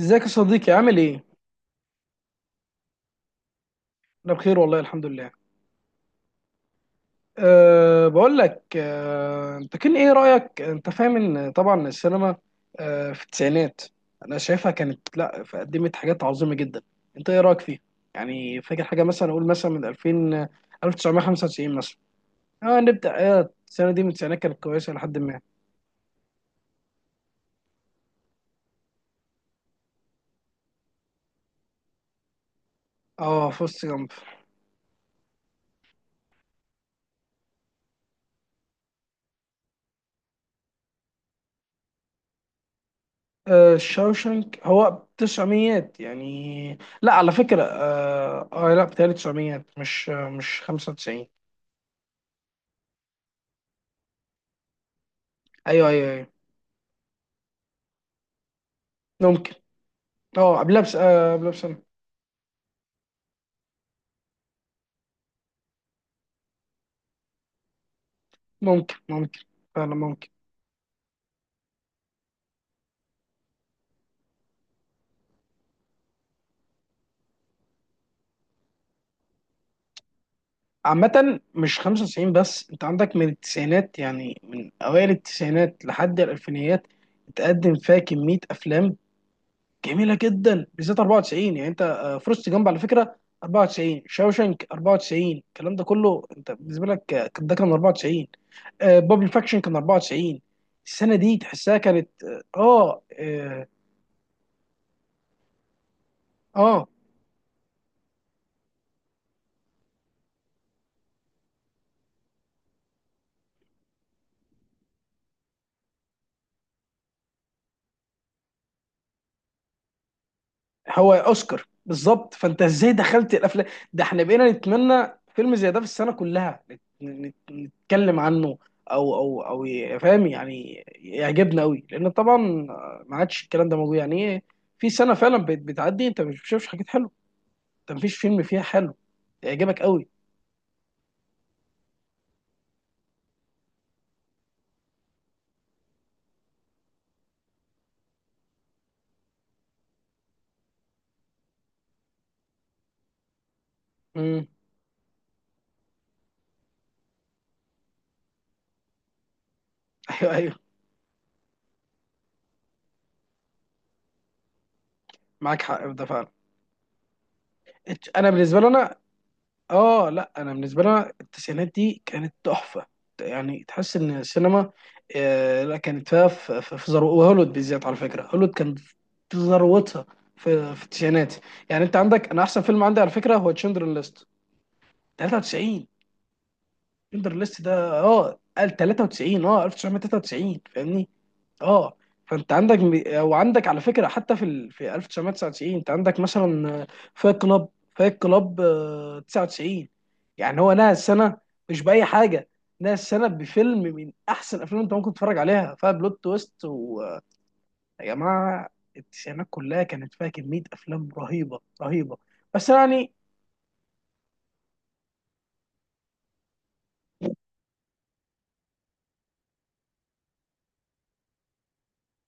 ازيك يا صديقي عامل ايه؟ انا بخير والله الحمد لله. بقول لك، انت كان ايه رأيك؟ انت فاهم ان طبعا السينما في التسعينات انا شايفها كانت لا، قدمت حاجات عظيمة جدا. انت ايه رأيك فيها؟ يعني فاكر حاجة مثلا، اقول مثلا من 2000، آه، 1995 مثلا. اه نبدأ السنة دي من التسعينات كانت كويسة لحد ما. اه، فورست جامب. شاوشنك هو تسعميات يعني، لا، على فكرة، لا، بتهيألي تسعميات، مش مش 95. ايوه، ايوه، ايوه، ممكن. اه قبلها، بس قبلها بسنه. ممكن ممكن، فعلا ممكن. عامة مش 95، بس انت عندك من التسعينات، يعني من اوائل التسعينات لحد الالفينيات اتقدم فيها كمية افلام جميلة جدا، بالذات 94. يعني انت، فورست جامب على فكرة 94، شاوشانك 94، الكلام ده كله انت بالنسبة لك، ده كان 94، بابل فاكشن كان 94. السنة دي تحسها كانت. اه، اه، آه. هو اوسكار بالظبط. فانت ازاي دخلت الافلام؟ ده احنا بقينا نتمنى فيلم زي ده في السنه كلها نتكلم عنه، او او فاهم يعني، يعجبنا قوي، لان طبعا ما عادش الكلام ده موجود. يعني ايه؟ في سنه فعلا بتعدي انت مش بتشوفش حاجات حلوه، انت مفيش فيلم فيها حلو يعجبك قوي. امم. ايوه، ايوه، معاك حق في ده فعلا. انا بالنسبه لي انا، اه لا، انا بالنسبه لنا التسعينات دي كانت تحفه. يعني تحس ان السينما، لا، كانت فيها في ذروه. وهوليوود بالذات على فكره، هوليوود كان في ذروتها في التسعينات. يعني انت عندك، انا احسن فيلم عندي على فكره هو تشندر ليست 93. تندر ليست ده، قال 93، 1993، فاهمني. اه فانت عندك، وعندك على فكره حتى في في 1999 انت عندك مثلا فايت كلاب. فايت كلاب 99، يعني هو نهى السنه مش باي حاجه، نهى السنه بفيلم من احسن الافلام انت ممكن تتفرج عليها، فيها بلوت تويست، ويا جماعه التسعينات كلها كانت فيها كميه افلام رهيبه رهيبه. بس يعني،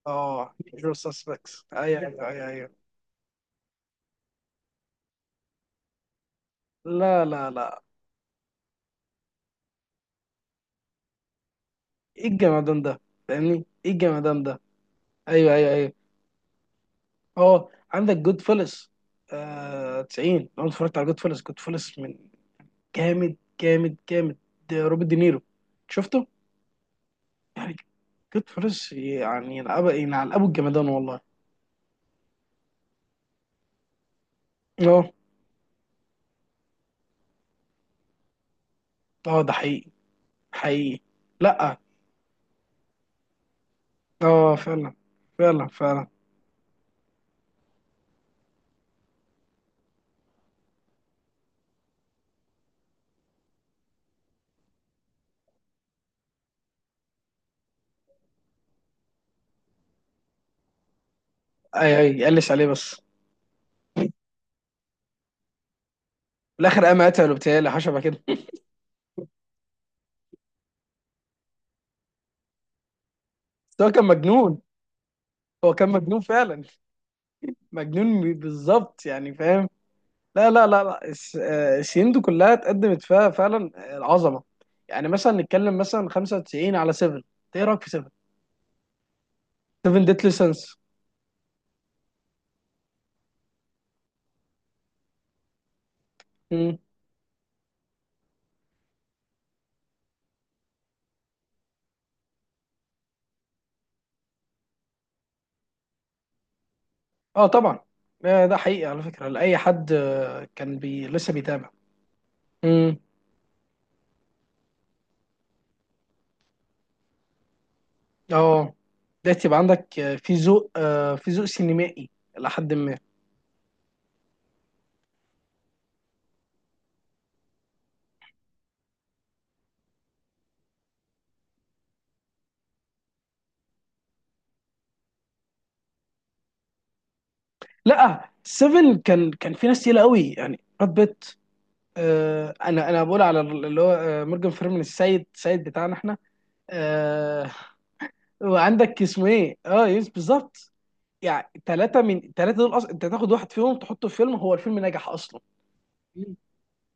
اه جور سسبكس، ايوه، ايوه، ايوه، لا، لا، لا. ايه الجمدان ده؟ فاهمني، ايه الجمدان ده؟ ايوه، ايوه، ايوه. اه عندك جود فلس. 90، لو أنا اتفرجت على جود فلس، جود فلس من. جامد جامد جامد. ده روبرت دينيرو، شفته؟ يعني، جود فلس يعني، ينعب ينعل ابو الجمدان والله. اه، اه، ده حقيقي، حقيقي. لا، اه، فعلا فعلا فعلا. اي، اي قلش عليه بس. في الاخر قام قتله بتهيألي حشبه كده. بس هو كان مجنون. هو كان مجنون فعلا. مجنون بالظبط، يعني فاهم. لا، لا، لا، لا، السنين دي كلها اتقدمت فيها فعلا العظمه. يعني مثلا نتكلم مثلا 95 على 7. ايه رايك في 7؟ 7 ديتلي سنس. اه، طبعا، ده حقيقي، على فكره، لاي حد كان بي لسه بيتابع. مم. اه ده تبقى عندك، في ذوق، في ذوق سينمائي الى حد ما. لا، 7 كان في ناس تقيله قوي، يعني براد بيت. انا بقول على اللي هو مورجان فريمان، السيد السيد بتاعنا احنا. آه، وعندك اسمه ايه، يس، بالظبط. يعني ثلاثه، من ثلاثه دول اصلا انت تاخد واحد فيهم تحطه في فيلم هو الفيلم نجح اصلا.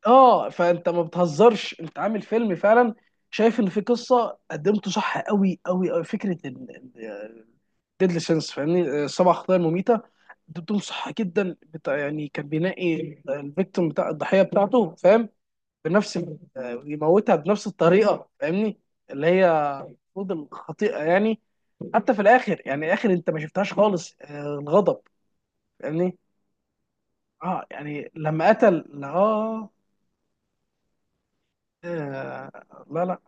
اه فانت ما بتهزرش، انت عامل فيلم فعلا، شايف ان في قصه قدمته صح قوي قوي قوي. فكره ديدلي سينس، فاهمني، سبع خطايا المميته، قدمتهم صح جدا. بتاع يعني كان بينقي الفيكتوم، بتاع الضحيه بتاعته، فاهم. بنفس آه، يموتها بنفس الطريقه، فاهمني؟ اللي هي المفروض الخطيئه يعني. حتى في الاخر، يعني اخر انت ما شفتهاش خالص، الغضب، فاهمني. اه يعني لما قتل، آه، لا، لا،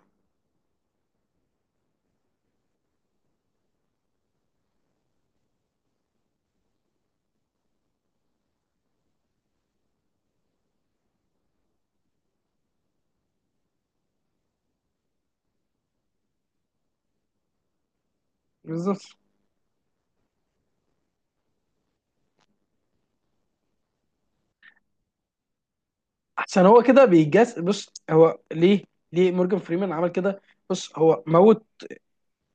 بالظبط. احسن هو كده بيجاز. بص هو ليه، مورجان فريمان عمل كده؟ بص،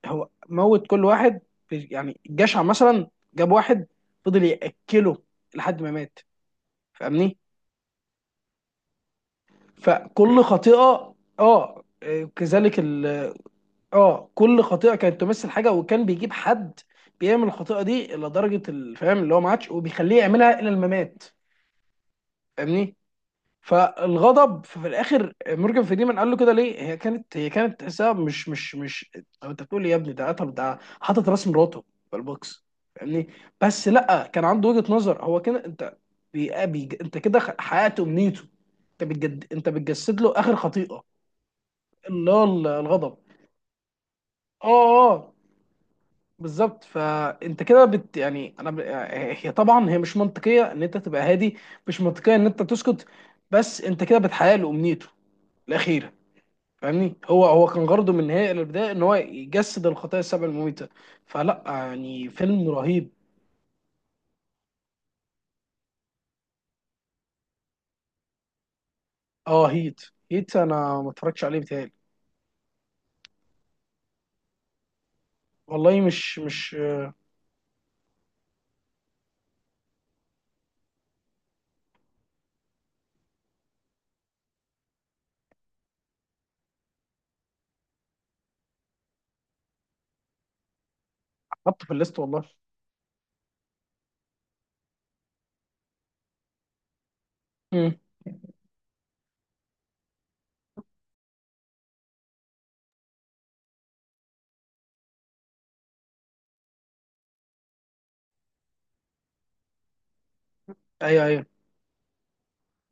هو موت كل واحد. يعني الجشع مثلا جاب واحد فضل ياكله لحد ما مات، فاهمني. فكل خطيئه، كذلك. اه كل خطيئه كانت تمثل حاجه، وكان بيجيب حد بيعمل الخطيئه دي الى درجه الفهم اللي هو ما عادش، وبيخليه يعملها الى الممات، فاهمني. فالغضب في الاخر مورجان فريمان قال له كده ليه، هي كانت، تحسها مش مش. هو انت بتقول إيه يا ابني، ده قتل، ده حاطط راس مراته في البوكس، فاهمني. بس لا، كان عنده وجهه نظر. هو كده انت انت كده حققت امنيته. انت بتجسد له اخر خطيئه اللي هو الغضب. اه، اه، بالظبط. فانت كده يعني، انا هي طبعا، هي مش منطقيه ان انت تبقى هادي، مش منطقيه ان انت تسكت، بس انت كده بتحقق له امنيته الاخيره، فاهمني. هو كان غرضه من النهايه الى البدايه ان هو يجسد الخطايا السبع المميته. فلا يعني، فيلم رهيب. اه هيت. هيت انا ما اتفرجتش عليه بتهيألي. والله مش. حاطه في الليست والله. امم، ايوه، ايوه.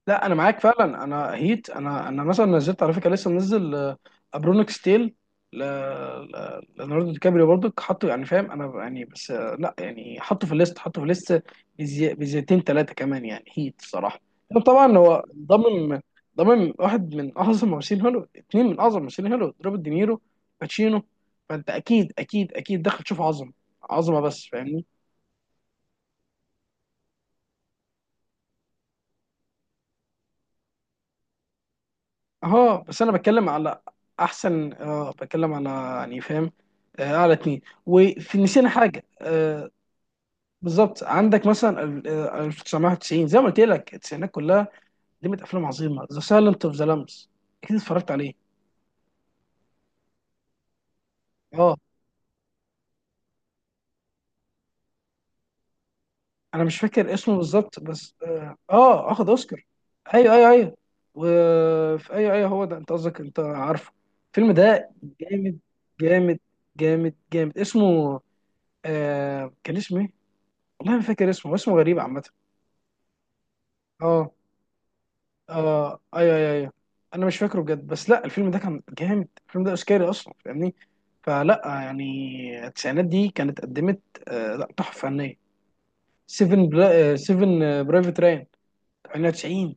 لا، انا معاك فعلا. انا هيت، انا مثلا نزلت على فكره، لسه منزل ابرونيك ستيل، ل- ليوناردو دي كابريو برضك، حطه يعني فاهم انا يعني، بس لا يعني، حطه في الليست، حطه في الليست بزيتين ثلاثه كمان يعني. هيت الصراحه طبعا هو ضمن. واحد من اعظم ممثلين هوليوود، اثنين من اعظم ممثلين هوليوود، روبرت دينيرو، باتشينو. فانت اكيد اكيد اكيد دخل تشوف عظمه عظمه بس، فاهمني. اه بس انا بتكلم على احسن، بتكلم على يعني فاهم، على اتنين. وفي نسينا حاجه. بالظبط عندك مثلا 1990، زي ما قلت لك، التسعينات كلها قدمت افلام عظيمه. ذا سايلنت اوف ذا لامبس، اكيد اتفرجت عليه. اه انا مش فاكر اسمه بالظبط، بس اخد اوسكار. ايوه، ايوه، ايوه، وفي، ايوه، ايوه، هو ده انت قصدك، انت عارفه الفيلم ده. جامد، جامد، جامد، جامد، اسمه، كان اسمه ايه؟ والله ما فاكر اسمه، اسمه غريب عامة. اه، اه، ايوه، ايوه، ايوه. انا مش فاكره بجد، بس لا، الفيلم ده كان جامد، الفيلم ده اوسكاري اصلا، فاهمني. فلا يعني، التسعينات دي كانت قدمت، لا، تحفة فنية. سيفن، بلا... آه، سيفن، برايفت راين 98،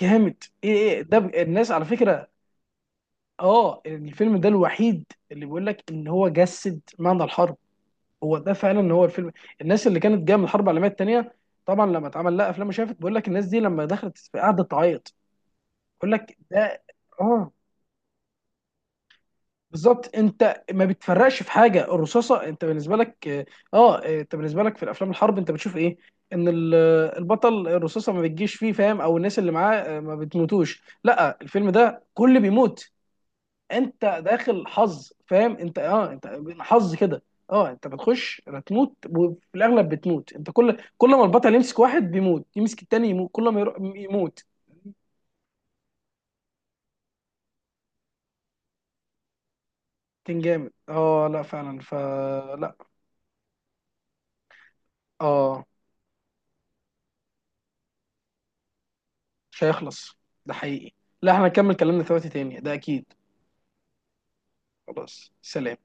جامد. ايه ده، الناس على فكرة. اه الفيلم ده الوحيد اللي بيقول لك ان هو جسد معنى الحرب. هو ده فعلا هو الفيلم. الناس اللي كانت جايه من الحرب العالميه الثانيه، طبعا لما اتعمل لها افلام وشافت، بيقول لك الناس دي لما دخلت في قعدت تعيط. بقول لك ده. اه بالظبط، انت ما بتفرقش في حاجه الرصاصه، انت بالنسبه لك، انت بالنسبه لك في الافلام الحرب انت بتشوف ايه؟ ان البطل الرصاصه ما بتجيش فيه، فاهم، او الناس اللي معاه ما بتموتوش. لا، الفيلم ده كل بيموت. انت داخل حظ، فاهم انت، انت حظ كده. اه انت بتخش هتموت، وفي الاغلب بتموت انت. كل ما البطل يمسك واحد بيموت، يمسك التاني يموت، كل ما يموت. كان جامد. اه لا، فعلا فلا. اه مش هيخلص، ده حقيقي. لا، احنا هنكمل كلامنا في وقت تاني، ده اكيد. خلاص، سلام.